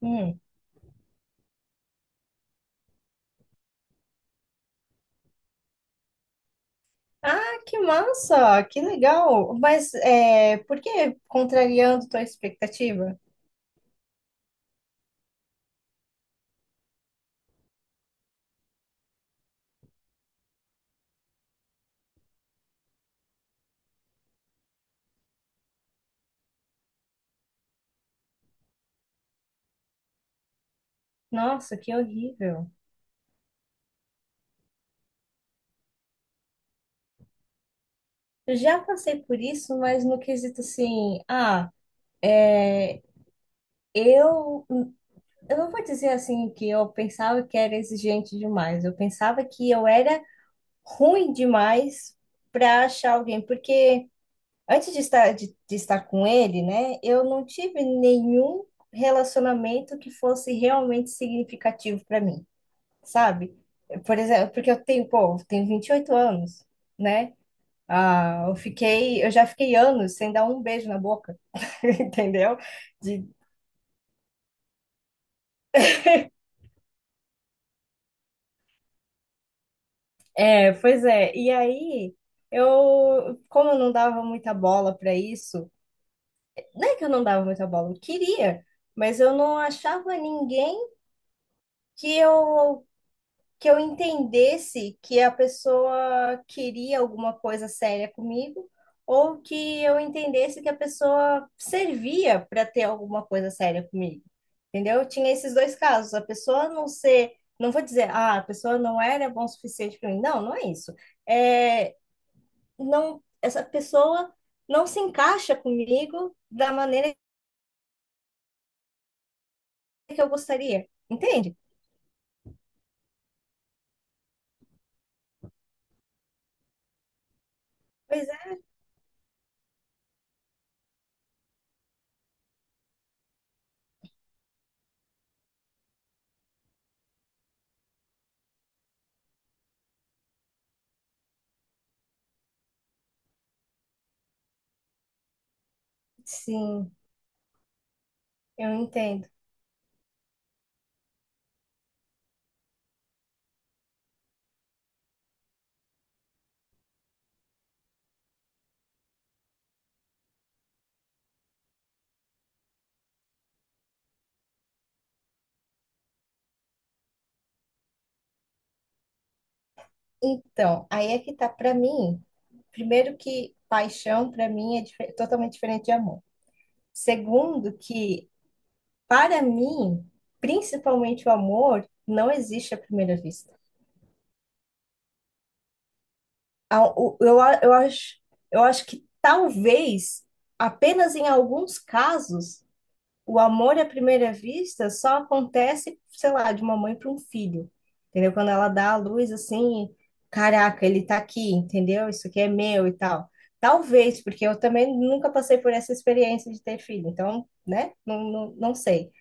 Hum. Ah, que massa! Que legal! Mas é, por que contrariando tua expectativa? Nossa, que horrível! Eu já passei por isso, mas no quesito assim, é, eu, eu não vou dizer assim que eu pensava que era exigente demais. Eu pensava que eu era ruim demais para achar alguém, porque antes de estar, de estar com ele, né, eu não tive nenhum relacionamento que fosse realmente significativo para mim, sabe? Por exemplo, porque eu tenho, pô, eu tenho 28 anos, né? Ah, eu fiquei, eu já fiquei anos sem dar um beijo na boca, entendeu? De, é, pois é. E aí, eu, como eu não dava muita bola para isso, não é que eu não dava muita bola, eu queria, mas eu não achava ninguém que eu que eu entendesse que a pessoa queria alguma coisa séria comigo, ou que eu entendesse que a pessoa servia para ter alguma coisa séria comigo. Entendeu? Eu tinha esses dois casos. A pessoa não ser, não vou dizer, ah, a pessoa não era bom o suficiente para mim. Não, não é isso. É, não, essa pessoa não se encaixa comigo da maneira que eu gostaria. Entende? Pois é. Sim, eu entendo. Então, aí é que tá para mim. Primeiro que paixão para mim é totalmente diferente de amor. Segundo que para mim, principalmente o amor, não existe à primeira vista. A- o- Eu, a- eu acho, eu acho que talvez apenas em alguns casos o amor à primeira vista só acontece, sei lá, de uma mãe para um filho, entendeu? Quando ela dá a luz assim, caraca, ele tá aqui, entendeu? Isso aqui é meu e tal. Talvez, porque eu também nunca passei por essa experiência de ter filho, então, né? Não sei.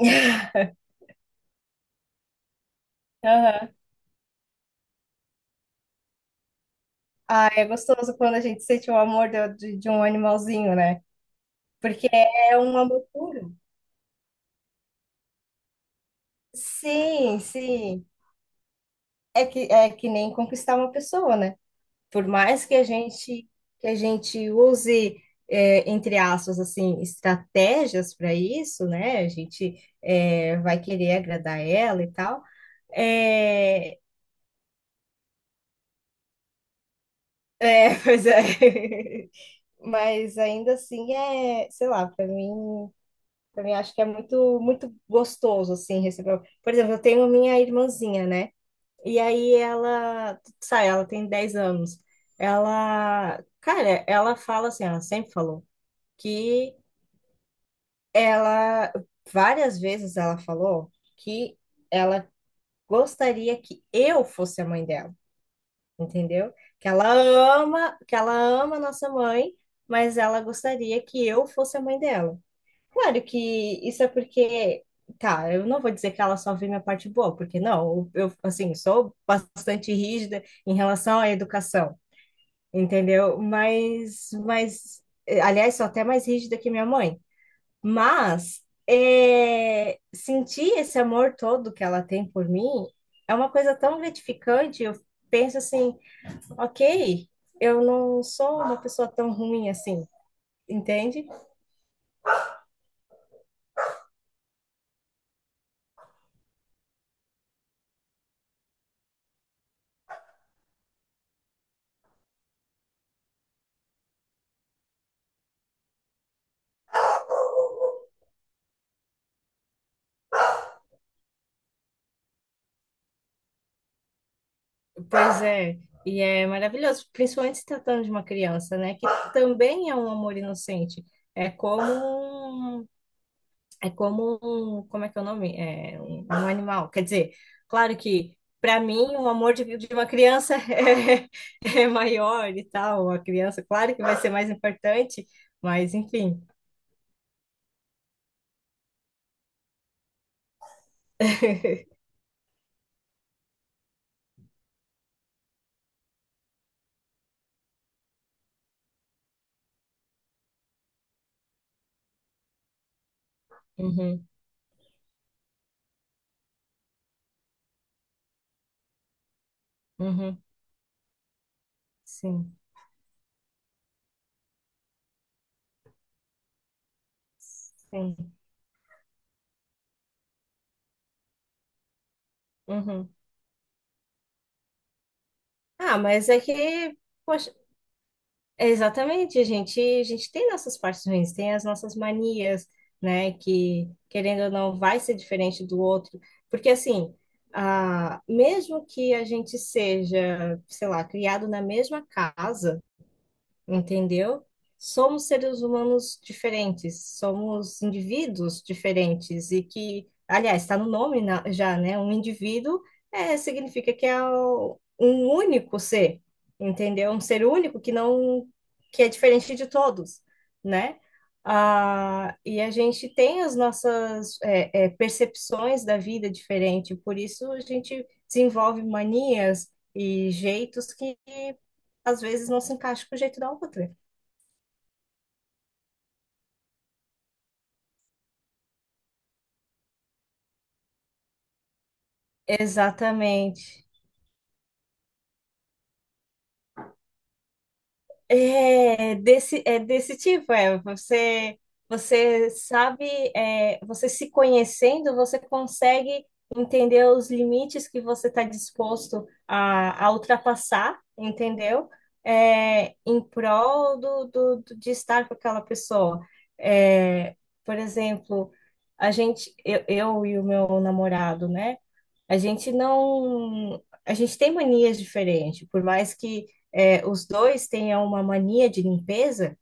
Aham. Ah, é gostoso quando a gente sente o amor de um animalzinho, né? Porque é um amor puro. Sim, sim. É que nem conquistar uma pessoa, né? Por mais que a gente use, é, entre aspas assim, estratégias para isso, né? A gente é, vai querer agradar ela e tal. É, pois é. Mas ainda assim é, sei lá, para mim acho que é muito muito gostoso assim receber. Por exemplo, eu tenho minha irmãzinha, né? E aí ela, sabe, ela tem 10 anos. Ela, cara, ela fala assim, ela sempre falou que ela, várias vezes ela falou que ela gostaria que eu fosse a mãe dela, entendeu? Que ela ama a nossa mãe, mas ela gostaria que eu fosse a mãe dela. Claro que isso é porque, tá, eu não vou dizer que ela só vê minha parte boa, porque não, eu assim, sou bastante rígida em relação à educação, entendeu? Aliás, sou até mais rígida que minha mãe. Mas é, sentir esse amor todo que ela tem por mim é uma coisa tão gratificante. Eu penso assim, ok, eu não sou uma pessoa tão ruim assim, entende? Pois é, e é maravilhoso, principalmente se tratando de uma criança, né? Que também é um amor inocente. É como um É como um, como é que é o nome? É um, um animal. Quer dizer, claro que para mim o amor de uma criança é é maior e tal. A criança, claro que vai ser mais importante, mas enfim. Uhum, uhum, sim, sim. Uhum. Ah, mas é que, poxa, exatamente, a gente tem nossas partes ruins, tem as nossas manias, né, que querendo ou não vai ser diferente do outro, porque assim, ah, mesmo que a gente seja, sei lá, criado na mesma casa, entendeu? Somos seres humanos diferentes, somos indivíduos diferentes e que, aliás, está no nome já, né? Um indivíduo é, significa que é um único ser, entendeu? Um ser único que não, que é diferente de todos, né? Ah, e a gente tem as nossas percepções da vida diferente, por isso a gente desenvolve manias e jeitos que às vezes não se encaixa com o jeito da outra. Exatamente. É desse tipo, é. Você, você sabe, é, você se conhecendo, você consegue entender os limites que você está disposto a ultrapassar, entendeu? É, em prol de estar com aquela pessoa. É, por exemplo, eu e o meu namorado, né? A gente não, a gente tem manias diferentes, por mais que, é, os dois tenham uma mania de limpeza,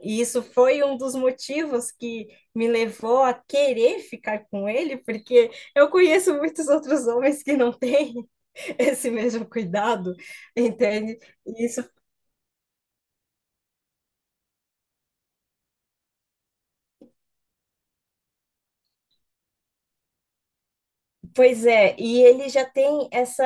e isso foi um dos motivos que me levou a querer ficar com ele, porque eu conheço muitos outros homens que não têm esse mesmo cuidado, entende? E isso, pois é, e ele já tem essa,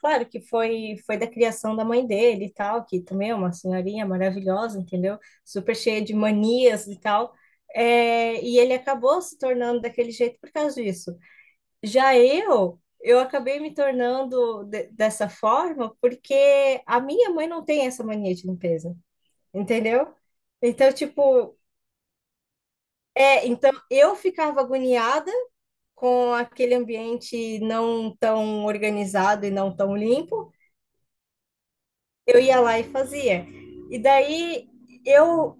claro que foi da criação da mãe dele e tal, que também é uma senhorinha maravilhosa, entendeu? Super cheia de manias e tal. É, e ele acabou se tornando daquele jeito por causa disso. Já eu acabei me tornando dessa forma porque a minha mãe não tem essa mania de limpeza, entendeu? Então, tipo, é, então eu ficava agoniada com aquele ambiente não tão organizado e não tão limpo, eu ia lá e fazia. E daí eu,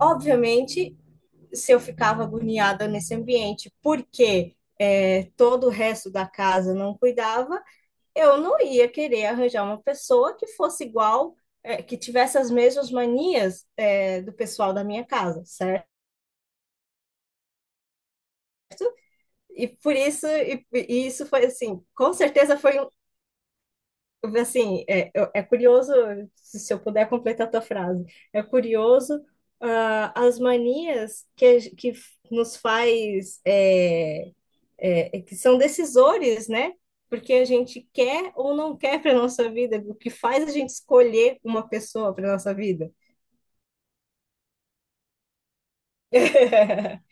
obviamente, se eu ficava agoniada nesse ambiente, porque é, todo o resto da casa não cuidava, eu não ia querer arranjar uma pessoa que fosse igual, é, que tivesse as mesmas manias, é, do pessoal da minha casa, certo? E por isso, isso foi assim, com certeza foi um... Assim, é, é curioso, se eu puder completar a tua frase, é curioso, ah, as manias que, a ge- que f- nos faz, é que são decisores, né? Porque a gente quer ou não quer para nossa vida, o que faz a gente escolher uma pessoa para nossa vida.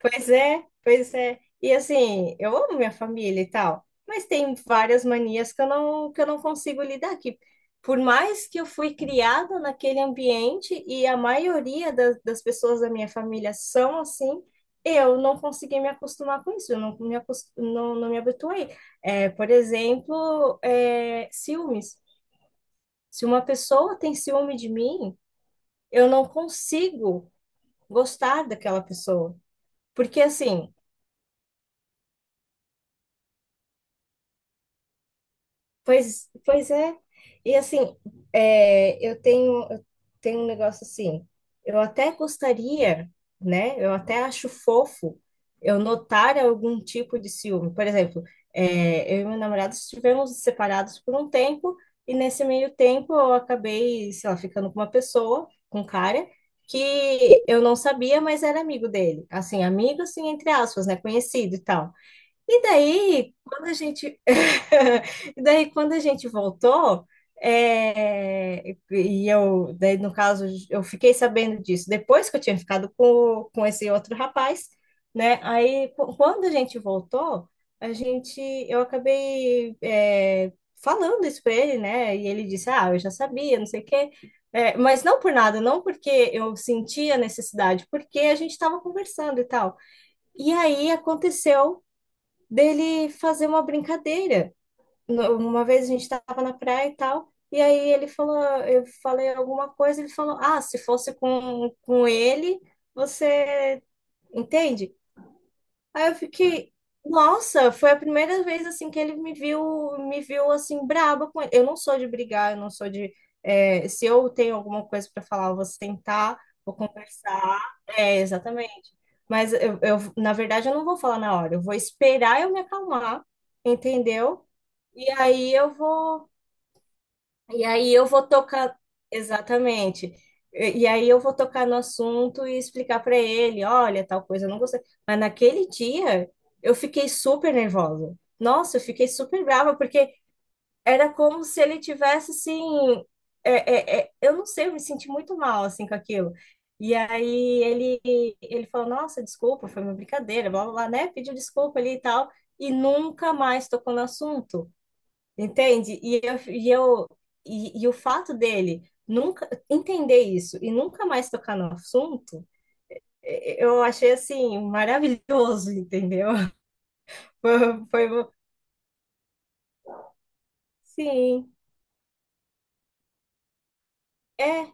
Pois é, pois é. E assim, eu amo minha família e tal, mas tem várias manias que eu não consigo lidar aqui. Por mais que eu fui criada naquele ambiente e a maioria das pessoas da minha família são assim, eu não consegui me acostumar com isso, eu não me, acos- não, não me habituei. É, por exemplo, é, ciúmes. Se uma pessoa tem ciúme de mim, eu não consigo gostar daquela pessoa. Porque assim. Pois, pois é. E assim, é, eu tenho um negócio assim, eu até gostaria, né? Eu até acho fofo eu notar algum tipo de ciúme. Por exemplo, é, eu e meu namorado estivemos separados por um tempo, e nesse meio tempo eu acabei, sei lá, ficando com uma pessoa, com um cara, que eu não sabia, mas era amigo dele. Assim, amigo, assim, entre aspas, né? Conhecido e tal. E daí, quando a gente... e daí, quando a gente voltou, é, e eu, daí, no caso, eu fiquei sabendo disso depois que eu tinha ficado com esse outro rapaz, né? Aí, quando a gente voltou, a gente... eu acabei, é, falando isso para ele, né? E ele disse, ah, eu já sabia, não sei o quê. É, mas não por nada, não porque eu sentia necessidade, porque a gente estava conversando e tal. E aí aconteceu dele fazer uma brincadeira. Uma vez a gente estava na praia e tal, e aí ele falou, eu falei alguma coisa, ele falou, ah, se fosse com ele, você entende? Aí eu fiquei, nossa, foi a primeira vez assim que ele me viu assim braba com ele. Eu não sou de brigar, eu não sou de... é, se eu tenho alguma coisa para falar, eu vou sentar, vou conversar. É, exatamente. Mas eu, na verdade, eu não vou falar na hora, eu vou esperar eu me acalmar, entendeu? E aí eu vou e aí eu vou tocar, exatamente. E aí eu vou tocar no assunto e explicar para ele, olha, tal coisa, eu não gostei. Mas naquele dia eu fiquei super nervosa. Nossa, eu fiquei super brava porque era como se ele tivesse assim, eu não sei, eu me senti muito mal assim com aquilo. E aí ele falou, nossa, desculpa, foi uma brincadeira, blá blá, blá, né? Pediu desculpa ali e tal e nunca mais tocou no assunto. Entende? E eu, e o fato dele nunca entender isso e nunca mais tocar no assunto, eh, eu achei assim maravilhoso, entendeu? Foi, foi mo- sim, é,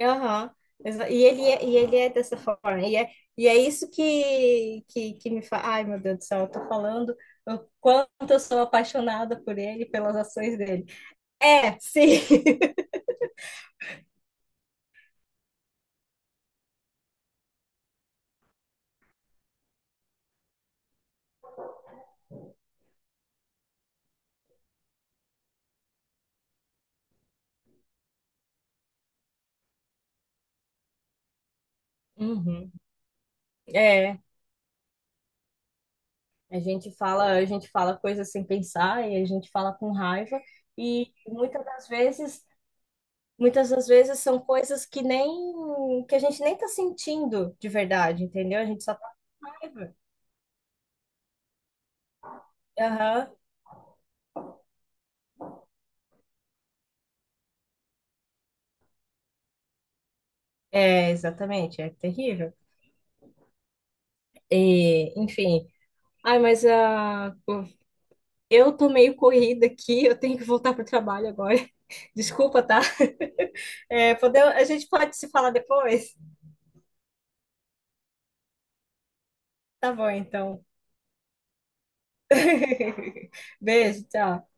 aham. E ele é dessa forma. E é isso que, que me faz... Ai, meu Deus do céu, eu tô falando o quanto eu sou apaixonada por ele, pelas ações dele. É, sim. Uhum. É. A gente fala coisas sem pensar e a gente fala com raiva e muitas das vezes são coisas que nem, que a gente nem tá sentindo de verdade, entendeu? A gente só tá com raiva. Aham. É, exatamente, é terrível. E, enfim, ai, mas ah, eu tô meio corrida aqui, eu tenho que voltar pro trabalho agora. Desculpa, tá? É, a gente pode se falar depois? Tá bom, então. Beijo, tchau.